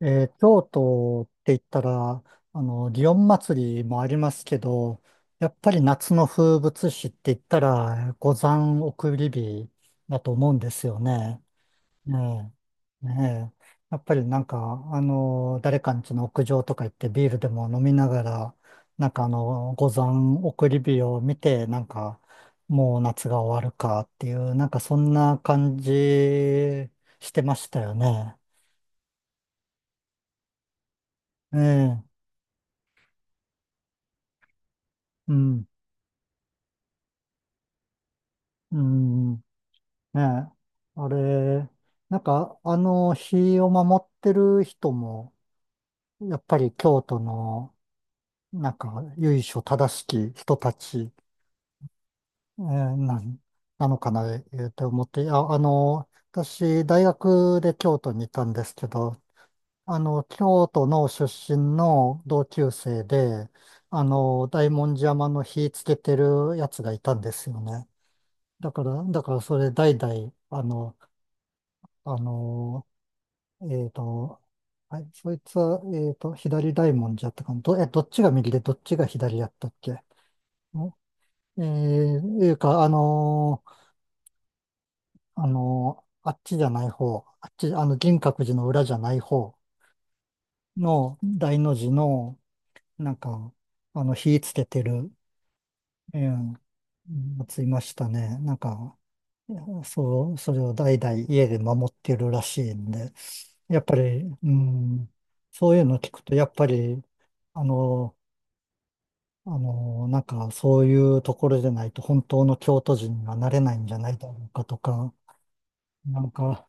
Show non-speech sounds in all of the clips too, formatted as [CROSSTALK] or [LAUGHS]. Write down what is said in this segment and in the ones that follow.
京都って言ったら、祇園祭りもありますけど、やっぱり夏の風物詩って言ったら、五山送り火だと思うんですよね。ねえ、ねえ。やっぱりなんか、誰かん家の屋上とか行ってビールでも飲みながら、なんか五山送り火を見て、なんか、もう夏が終わるかっていう、なんかそんな感じしてましたよね。ええ、うん。うん、ねえ。あれ、なんか、日を守ってる人も、やっぱり京都の、なんか、由緒正しき人たち、えーなん、なのかな、えーって思って、あ、私、大学で京都にいたんですけど、京都の出身の同級生で、大文字山の火つけてるやつがいたんですよね。だからそれ代々、あの、えっと、はい、そいつは、左大文字やったかな。どっちが右でどっちが左やったっけんえいうか、あっちじゃない方、あっち、銀閣寺の裏じゃない方の大の字の、なんか、火つけてる、うん、やついましたね。なんか、そう、それを代々家で守ってるらしいんで、やっぱり、うん、そういうの聞くと、やっぱり、あのーなんかそういうところでないと本当の京都人がなれないんじゃないだろうかとか、なんか、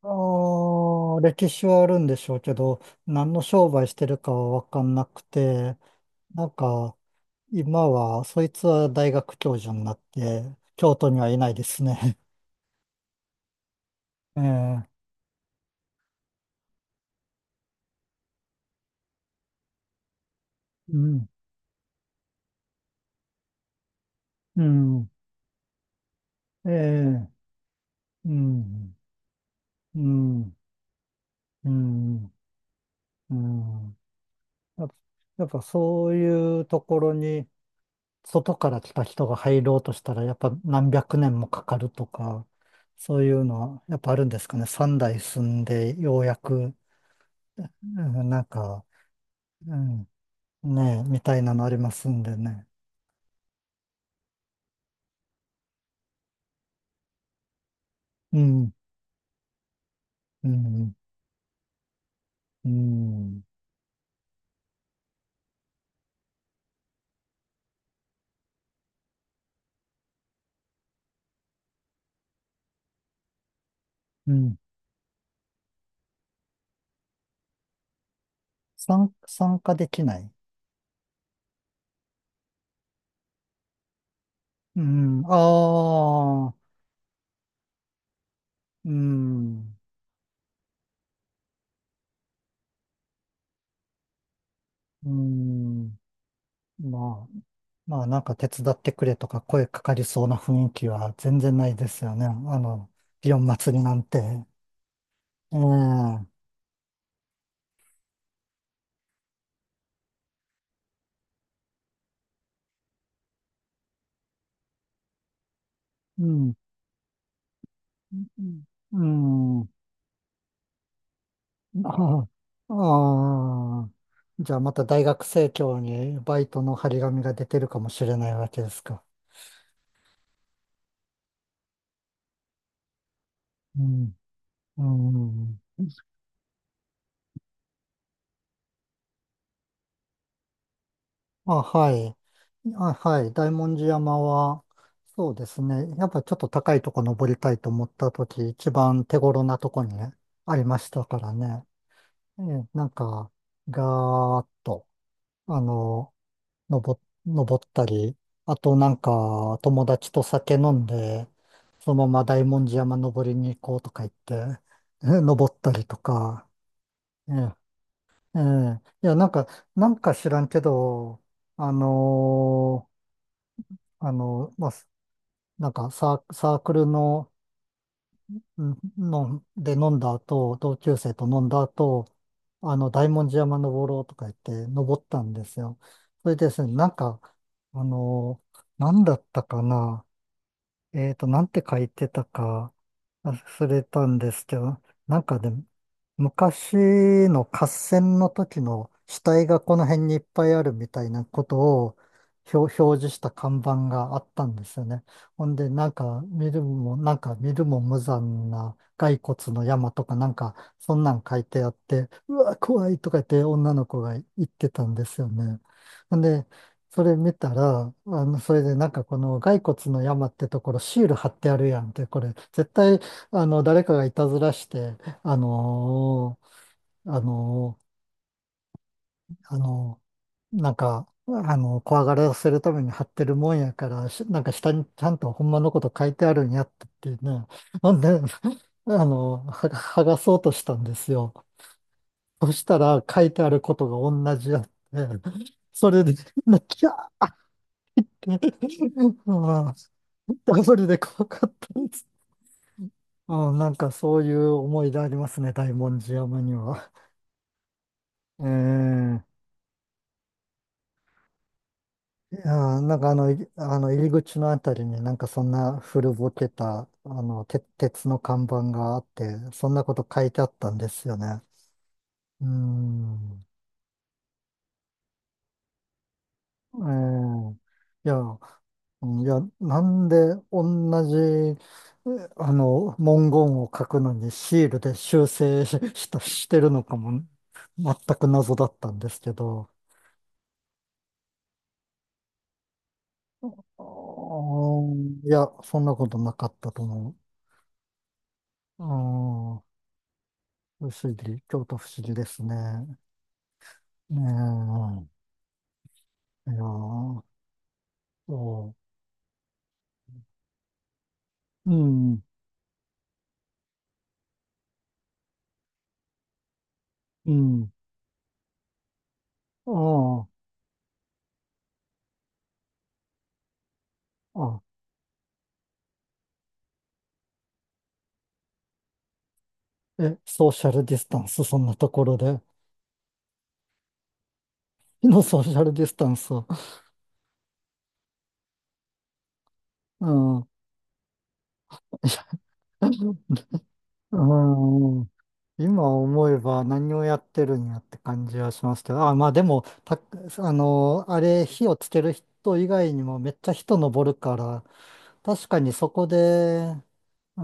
歴史はあるんでしょうけど、何の商売してるかはわかんなくて、なんか今は、そいつは大学教授になって、京都にはいないですね。[LAUGHS] ええ、うん、うん、ええ、うん、うん、うん、うん。やっぱやっぱそういうところに、外から来た人が入ろうとしたら、やっぱ何百年もかかるとか、そういうのはやっぱあるんですかね。三代住んでようやく、うん、なんか、うん、ねえ、みたいなのありますんでね。うん、うん、うん、うん。参加できない。うん、ああ、うん、うん。まあ、まあなんか手伝ってくれとか声かかりそうな雰囲気は全然ないですよね。の、祇園祭なんて。ええ、うん、うん、うん、ああ、じゃあまた大学生協にバイトの張り紙が出てるかもしれないわけですか。うん、うん、あ、はい。あ、はい。大文字山は、そうですね。やっぱちょっと高いとこ登りたいと思ったとき、一番手頃なとこにね、ありましたからね。ええ、なんか、ガーッと、あの、登、登ったり、あとなんか友達と酒飲んで、そのまま大文字山登りに行こうとか言って、[LAUGHS] 登ったりとか、ええ、ええ、いや、なんか、なんか知らんけど、あのーまあ、なんかサークルのうんので飲んだ後、同級生と飲んだ後、大文字山登ろうとか言って登ったんですよ。それでですね、なんか、あの、なんだったかな。なんて書いてたか忘れたんですけど、なんかで、昔の合戦の時の死体がこの辺にいっぱいあるみたいなことを表示した看板があったんですよね。ほんで、なんか見るも無残な骸骨の山とかなんか、そんなん書いてあって、うわ、怖いとか言って女の子が言ってたんですよね。ほんで、それ見たら、それでなんかこの骸骨の山ってところシール貼ってあるやんって、これ絶対、誰かがいたずらして、あのーあのーあのなんか、怖がらせるために貼ってるもんやから、なんか下にちゃんとほんまのこと書いてあるんやってっていうね。なんで、あのーは剥がそうとしたんですよ。そしたら書いてあることが同じやって、それで、なきゃ [LAUGHS] ああ、ダブルで怖かったです。うん、なんかそういう思い出ありますね、大文字山には。ええなんかあの入り口のあたりになんかそんな古ぼけた、鉄の看板があって、そんなこと書いてあったんですよね。うーん。えいや、うんいや、なんで同じ、えあの、文言を書くのにシールで修正し、してるのかも、全く謎だったんですけど、あいや、そんなことなかったと思う。うん、不思議、京都不思議ですね。ねえ、いやー、そう、うん、うん、ああ、あ、ソーシャルディスタンス、そんなところで、のソーシャルディスタンスを、うん。[LAUGHS] うん、今思えば何をやってるんやって感じはしますけど、あ、まあでも、あれ、火をつける人以外にもめっちゃ人登るから、確かにそこで、う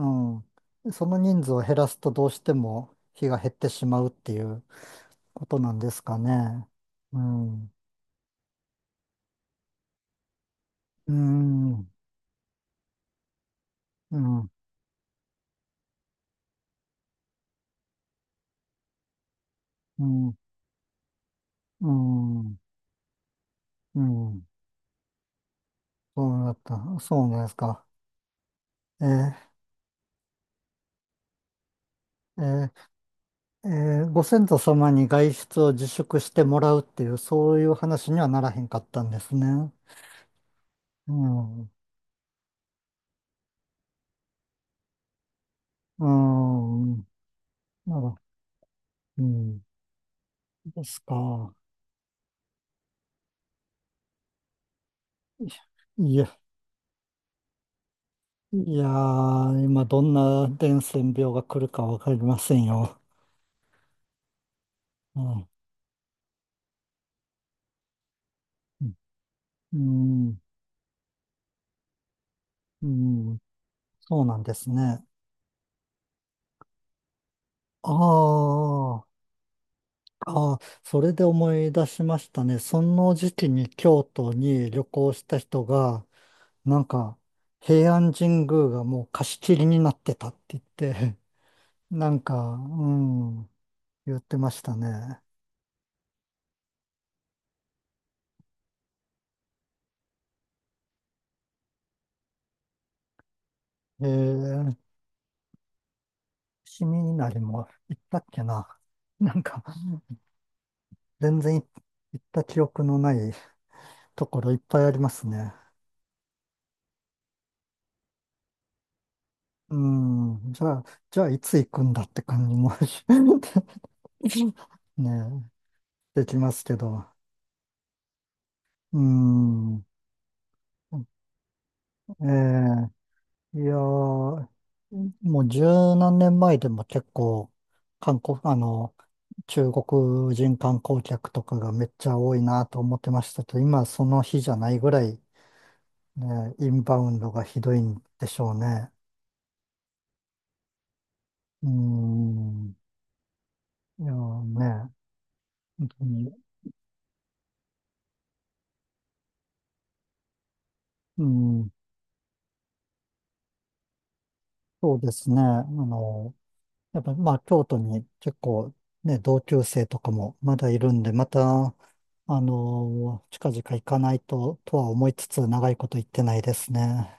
ん、その人数を減らすとどうしても火が減ってしまうっていうことなんですかね。うん、うん、うん、うん、うん、うん、うん、そうだった。そうなんですか。えーえーえご先祖様に外出を自粛してもらうっていう、そういう話にはならへんかったんですね。うん。うん。なら、うん。ですか。いや、いやー、今どんな伝染病が来るかわかりませんよ。うん。うん。うん。そうなんですね。ああ。ああ、それで思い出しましたね。その時期に京都に旅行した人が、なんか、平安神宮がもう貸し切りになってたって言って、[LAUGHS] なんか、うん、言ってましたね。えー、伏見稲荷も行ったっけな。[LAUGHS] なんか、全然行った記憶のないところいっぱいありますね。うん、じゃあいつ行くんだって感じも [LAUGHS] ね、できますけど。うん、ええいやー、うんもう十何年前でも結構、観光、あの、中国人観光客とかがめっちゃ多いなと思ってましたけど、今その日じゃないぐらい、ね、インバウンドがひどいんでしょうね。うーん、いやーね、本当に、うん、そうですね、やっぱまあ京都に結構ね、同級生とかもまだいるんで、また、近々行かないととは思いつつ長いこと行ってないですね。